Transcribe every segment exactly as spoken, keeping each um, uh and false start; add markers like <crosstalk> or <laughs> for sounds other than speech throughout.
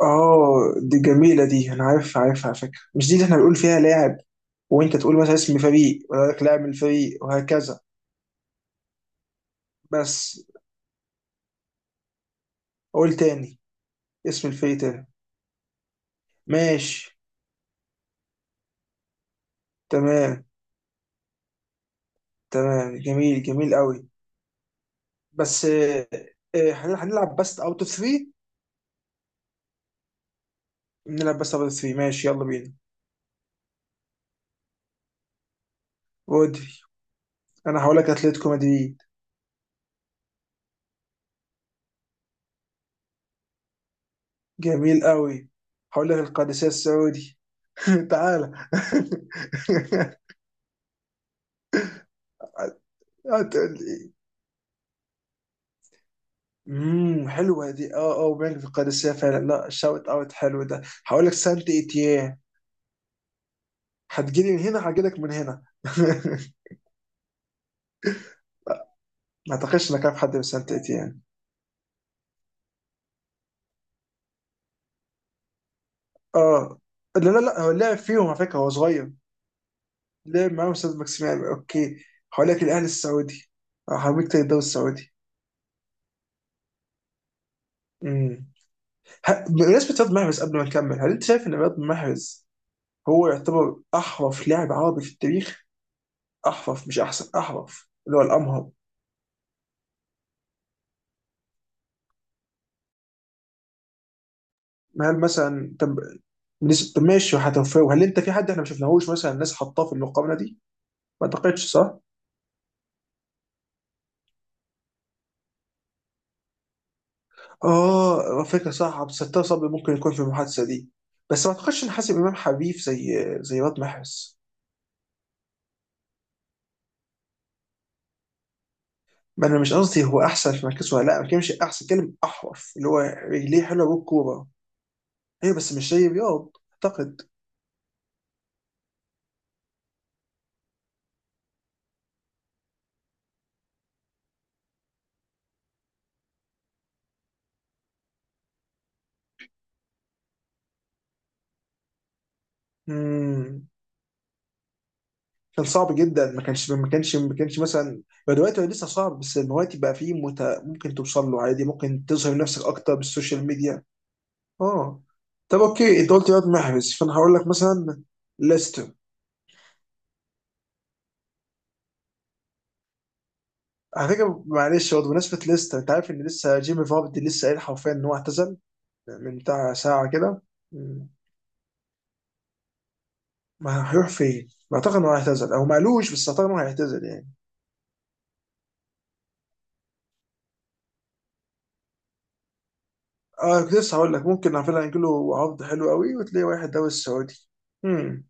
اه، دي جميلة دي، انا عارفها عارفها على فكرة. مش دي اللي احنا بنقول فيها لاعب، وانت تقول مثلا اسم فريق ويقول لك لاعب من الفريق وهكذا؟ بس قول تاني. اسم الفريق تاني. ماشي. تمام. تمام، جميل، جميل قوي. بس آه، آه، هن- هنلعب بس اوت اوف ثلاثة. نلعب بس اوت اوف ثلاثة، ماشي يلا بينا. ودي انا هقول لك اتلتيكو مدريد. جميل قوي. هقول لك القادسية السعودي. <laughs> تعالى. <laughs> هتقول لي. امم حلوه دي. اه، اه، وبنك في القادسيه فعلا لا، شاوت اوت حلو ده. هقول لك سانت ايتيان. هتجيلي من هنا، هجيلك من هنا. <laughs> ما اعتقدش انك عارف حد من سانت ايتيان. اه، لا لا لا، هو لعب فيهم على فكره، هو صغير. لعب معاهم استاذ ماكسيمان، اوكي. هقول لك الاهلي السعودي. آه، هوريك تاني الدوري السعودي. امم ه- بمناسبه رياض محرز، قبل ما نكمل، هل انت شايف ان رياض محرز هو يعتبر احرف لاعب عربي في التاريخ؟ احرف، مش احسن، احرف اللي هو الامهر. هل مثلا، طب بالنسبة- طب ماشي هتوفاه. هل انت، في حد احنا ما شفناهوش مثلا الناس حطاه في المقابله دي؟ ما اعتقدش، صح؟ اه، فكره، صح. عبد الستار صبري ممكن يكون في المحادثه دي. بس ما اعتقدش ان حاسب امام حبيب زي زي رياض محرز. ما انا مش قصدي هو احسن في مركزه ولا لا، ما كانش احسن كلمه، احرف اللي هو رجليه حلوه بالكوره. ايوه بس مش زي رياض اعتقد. امم كان صعب جدا، ما كانش ما كانش ما كانش مثلا. هو دلوقتي، هو لسه صعب، بس دلوقتي بقى فيه مت... ممكن توصل له عادي، ممكن تظهر نفسك اكتر بالسوشيال ميديا. اه. طب، اوكي، انت قلت رياض محرز، فانا هقول لك مثلا ليستر. على فكره معلش، برضه بمناسبه ليستر، انت عارف ان لسه جيمي فاردي لسه قايل حرفيا ان هو اعتزل من بتاع ساعه كده. مم. ما هيروح فين؟ ما اعتقد انه هيعتزل او ما قالوش، بس اعتقد انه هيعتزل يعني. اه، كنت لسه هقول لك ممكن على فكره هيجي له عرض حلو قوي، وتلاقي واحد دوري السعودي. مم.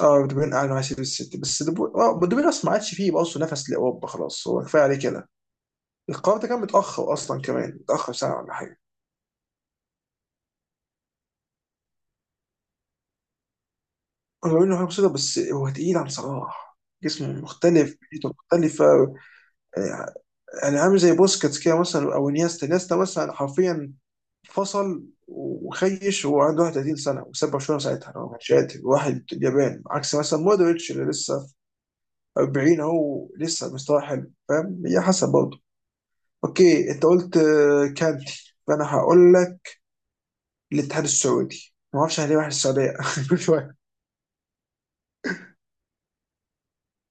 اه، بدوبين قعد مع سيتي، السيتي بس دبو- آه، بدوبين اصلا ما عادش فيه بقى اصلا نفس لاوروبا، خلاص هو كفايه عليه كده. القرار ده كان متاخر اصلا، كمان متاخر سنه ولا حاجه. هو انه حاجه بسيطه بس هو تقيل عن صلاح، جسمه مختلف، بيئته مختلفه. آه، يعني عامل زي بوسكيتس كده مثلا، او انيستا انيستا مثلا حرفيا فصل وخيش وهو عنده واحد وثلاثين سنة سنه، وساب برشلونه ساعتها، هو كان شاتم واحد اليابان، عكس مثلا مودريتش اللي لسه أربعين اهو لسه مستواه حلو. فاهم؟ هي حسب برضه. اوكي، انت قلت آه، كانتي، فانا هقول لك الاتحاد السعودي. ما اعرفش ليه واحد السعوديه <laughs> كل شويه.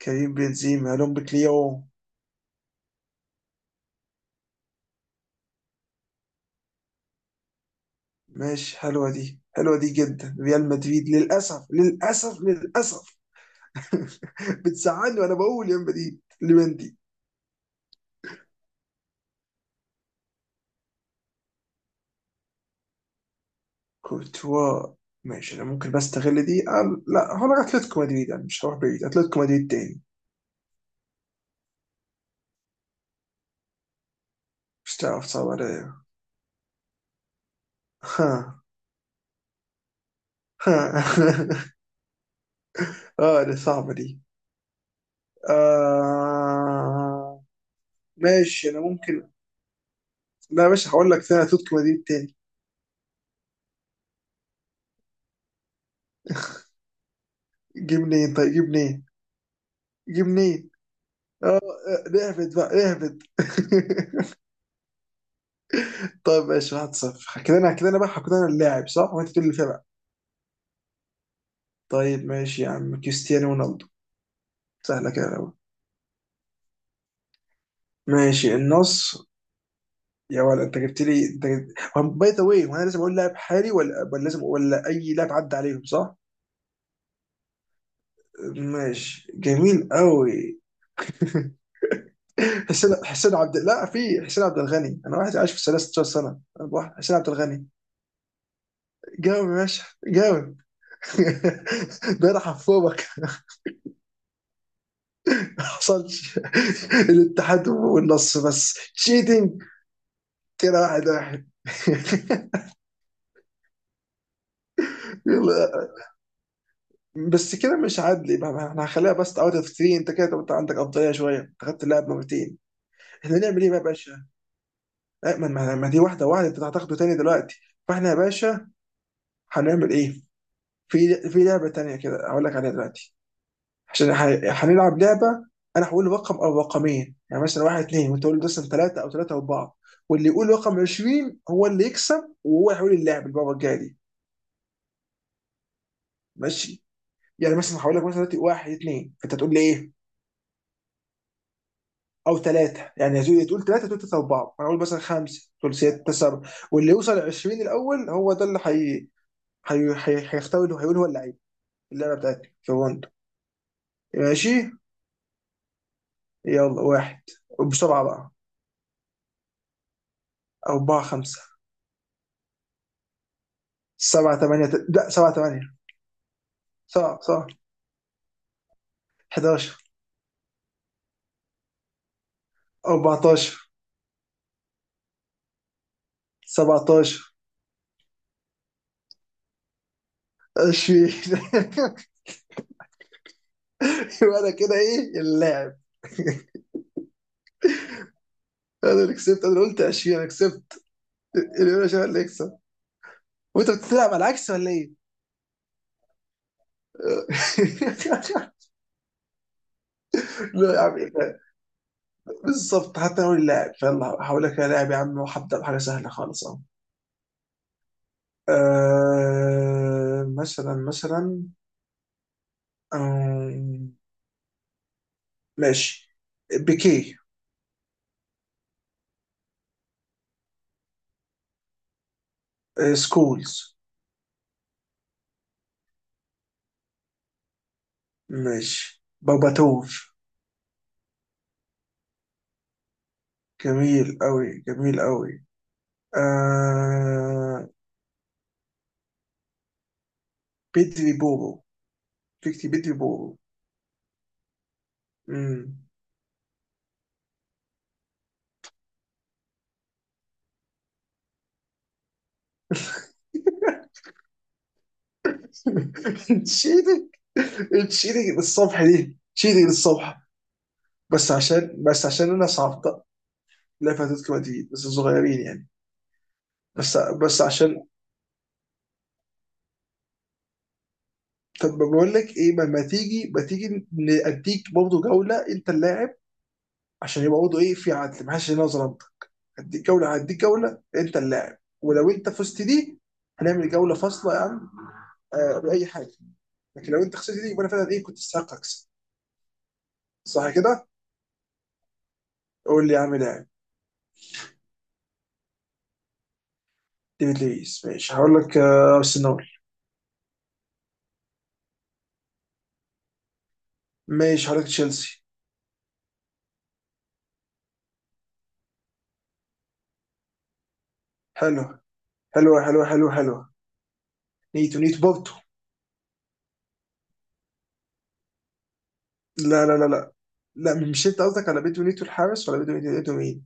كريم بنزيما، لومب كليو. ماشي، حلوه دي، حلوه دي جدا. ريال مدريد، للاسف، للاسف، للاسف. <laughs> بتزعلني وانا بقول يا مدريد لمندي. كورتوا. ماشي، انا ممكن بستغل دي، أه لا، هو أنا اتلتيكو مدريد يعني، مش هروح بعيد، اتلتيكو مدريد تاني. مش تعرف، صعب عليا. ها. ها. <laughs> اه، دي صعبه دي. آه. ماشي. انا ممكن، لا يا باشا، هقول لك ثاني اتلتيكو مدريد تاني. جيب منين؟ طيب جيب منين، جيب منين. اه، آه، نهبط بقى، نهبط. <laughs> طيب ماشي، واحد صفر كده. انا كده، انا بقى كده، انا اللاعب صح؟ وانت تقول اللي فيها بقى. طيب ماشي يا عم، كريستيانو رونالدو. سهله كده أوي. ماشي النصر. يا ولد، انت جبت لي، انت جبت... باي ذا واي، وانا لازم اقول لاعب حالي ولا ولا لازم، ولا اي لاعب عدى عليهم، صح؟ ماشي، جميل قوي. <laughs> حسين حسين عبد لا في حسين عبد الغني انا، واحد عايش في ستة عشر سنة سنه. أنا واحد حسين عبد الغني. جاوب يا باشا، جاوب. <laughs> ده حفوبك. <laughs> ما حصلش. الاتحاد والنص، بس تشيتنج. كده واحد واحد. <laughs> يلا. بس كده مش عادل بقى، ما احنا هنخليها بس اوت اوف ثلاثة. انت كده، انت عندك افضليه شويه، انت خدت اللاعب مرتين. احنا نعمل ايه بقى يا باشا؟ لا، ما- ما ما دي واحده واحده، انت هتاخده تاني دلوقتي. فاحنا يا باشا هنعمل ايه؟ في في لعبه تانيه كده هقول لك عليها دلوقتي. عشان ح- هنلعب لعبه. انا هقول رقم او رقمين، يعني مثلا واحد اتنين، وانت تقول لي مثلا ثلاثه، او ثلاثه اربعه. واللي يقول رقم عشرين هو اللي يكسب، وهو هيقول اللعب المره الجايه دي. ماشي. يعني مثلا هقول لك مثلا دلوقتي واحد اتنين، فانت تقول لي ايه؟ او ثلاثه، يعني يا زوي تقول ثلاثه، تقول ثلاثه اربعه، انا اقول مثلا خمسه، تقول سته سبعه. واللي يوصل عشرين الاول هو ده اللي هي هي هي- هيختار اللي هيقول هو اللعيب، اللعبه بتاعتي في الروند. ماشي. يلا، واحد. وبسرعه بقى. أربعة خمسة. سبعة ثمانية، لا سبعة ثمانية. صح، صح. احداشر. أربعتاشر. سبعتاشر. عشرين. <laughs> وانا كده ايه اللاعب. <laughs> انا اللي كسبت، انا اللي قلت عشرين، انا كسبت اليوم يا شباب، اللي يكسب. وانت بتلعب على العكس ولا ايه؟ <laughs> لا يا عم، إيه ده؟ بالظبط. حتى لو اللاعب فيلا هقول لك يا لاعب يا عم، وهبدا بحاجه سهله خالص، اهو. آه، مثلا. مثلا آه، ماشي، بيكي. آه، سكولز. ماشي، باباتوف. جميل أوي، جميل أوي. آه... بدري بوبو. فيكتي بدري بوبو. مم. <laughs> تشيلك تشيلك للصبح دي، تشيلك للصبح. بس عشان، بس عشان انا صعبت لعبة اتلتيكو مدريد، بس صغيرين يعني. بس بس عشان طب بقول لك ايه، ما ما تيجي ما تيجي نديك برضه جولة، انت اللاعب، عشان يبقى برضه ايه في عدل، ما حدش ينظر انت. هديك جولة هديك جولة انت اللاعب، ولو انت فزت دي هنعمل جولة فاصلة يا عم. آه، باي حاجه. لكن لو انت خسرت دي يبقى انا فعلا ايه، كنت استحق اكسب، صح كده؟ قول لي يا عم لاعب. ديفيد لويس. ماشي، هقول لك آه، ارسنال. ماشي، هقول لك تشيلسي. حلو. حلو، حلو، حلو، حلو. نيتو، نيتو بورتو. لا، لا، لا، لا، لا، مش انت قصدك على بيتو نيتو الحارس ولا بيتو نيتو نيتو مين؟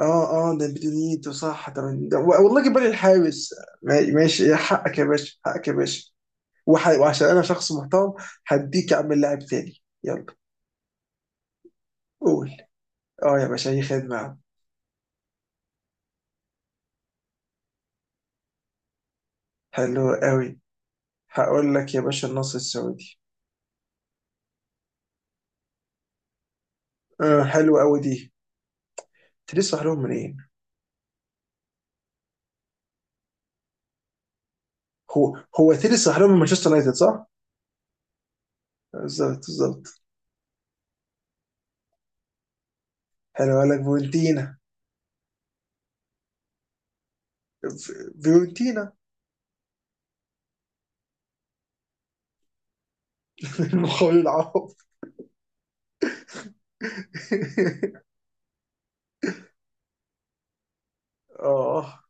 اه، اه، ده بيتو نيتو، صح ده من- ده- و- والله جيب بالي الحارس. ما- ماشي، يا حقك يا باشا، حقك يا باشا. وح- وعشان انا شخص محترم، هديك يا عم اللاعب تاني، يلا. قول. اه يا باشا، اي خدمة يا عم. حلو قوي. هقول لك يا باشا النصر السعودي. آه، حلو قوي دي. تيري صح لهم منين؟ هو هو تيري صح لهم من مانشستر يونايتد، صح؟ بالظبط، بالظبط. حلو، قال لك فيورنتينا. ف- فيورنتينا. <laughs> المخول العوض. <laughs> اه.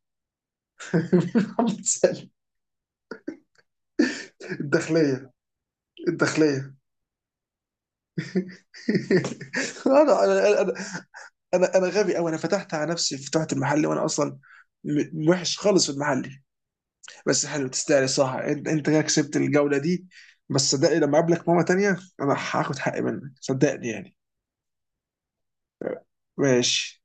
محمد سالم. الداخليه، الداخليه. <laughs> انا انا انا انا أنا غبي قوي، انا فتحت على نفسي، فتحت المحل وانا اصلا م- وحش خالص في المحل. بس حلو، تستاهل، صح، انت انت كده كسبت الجوله دي. بس صدقني لما اقابلك مره تانيه، انا هاخد حقي منك، صدقني يعني. ماشي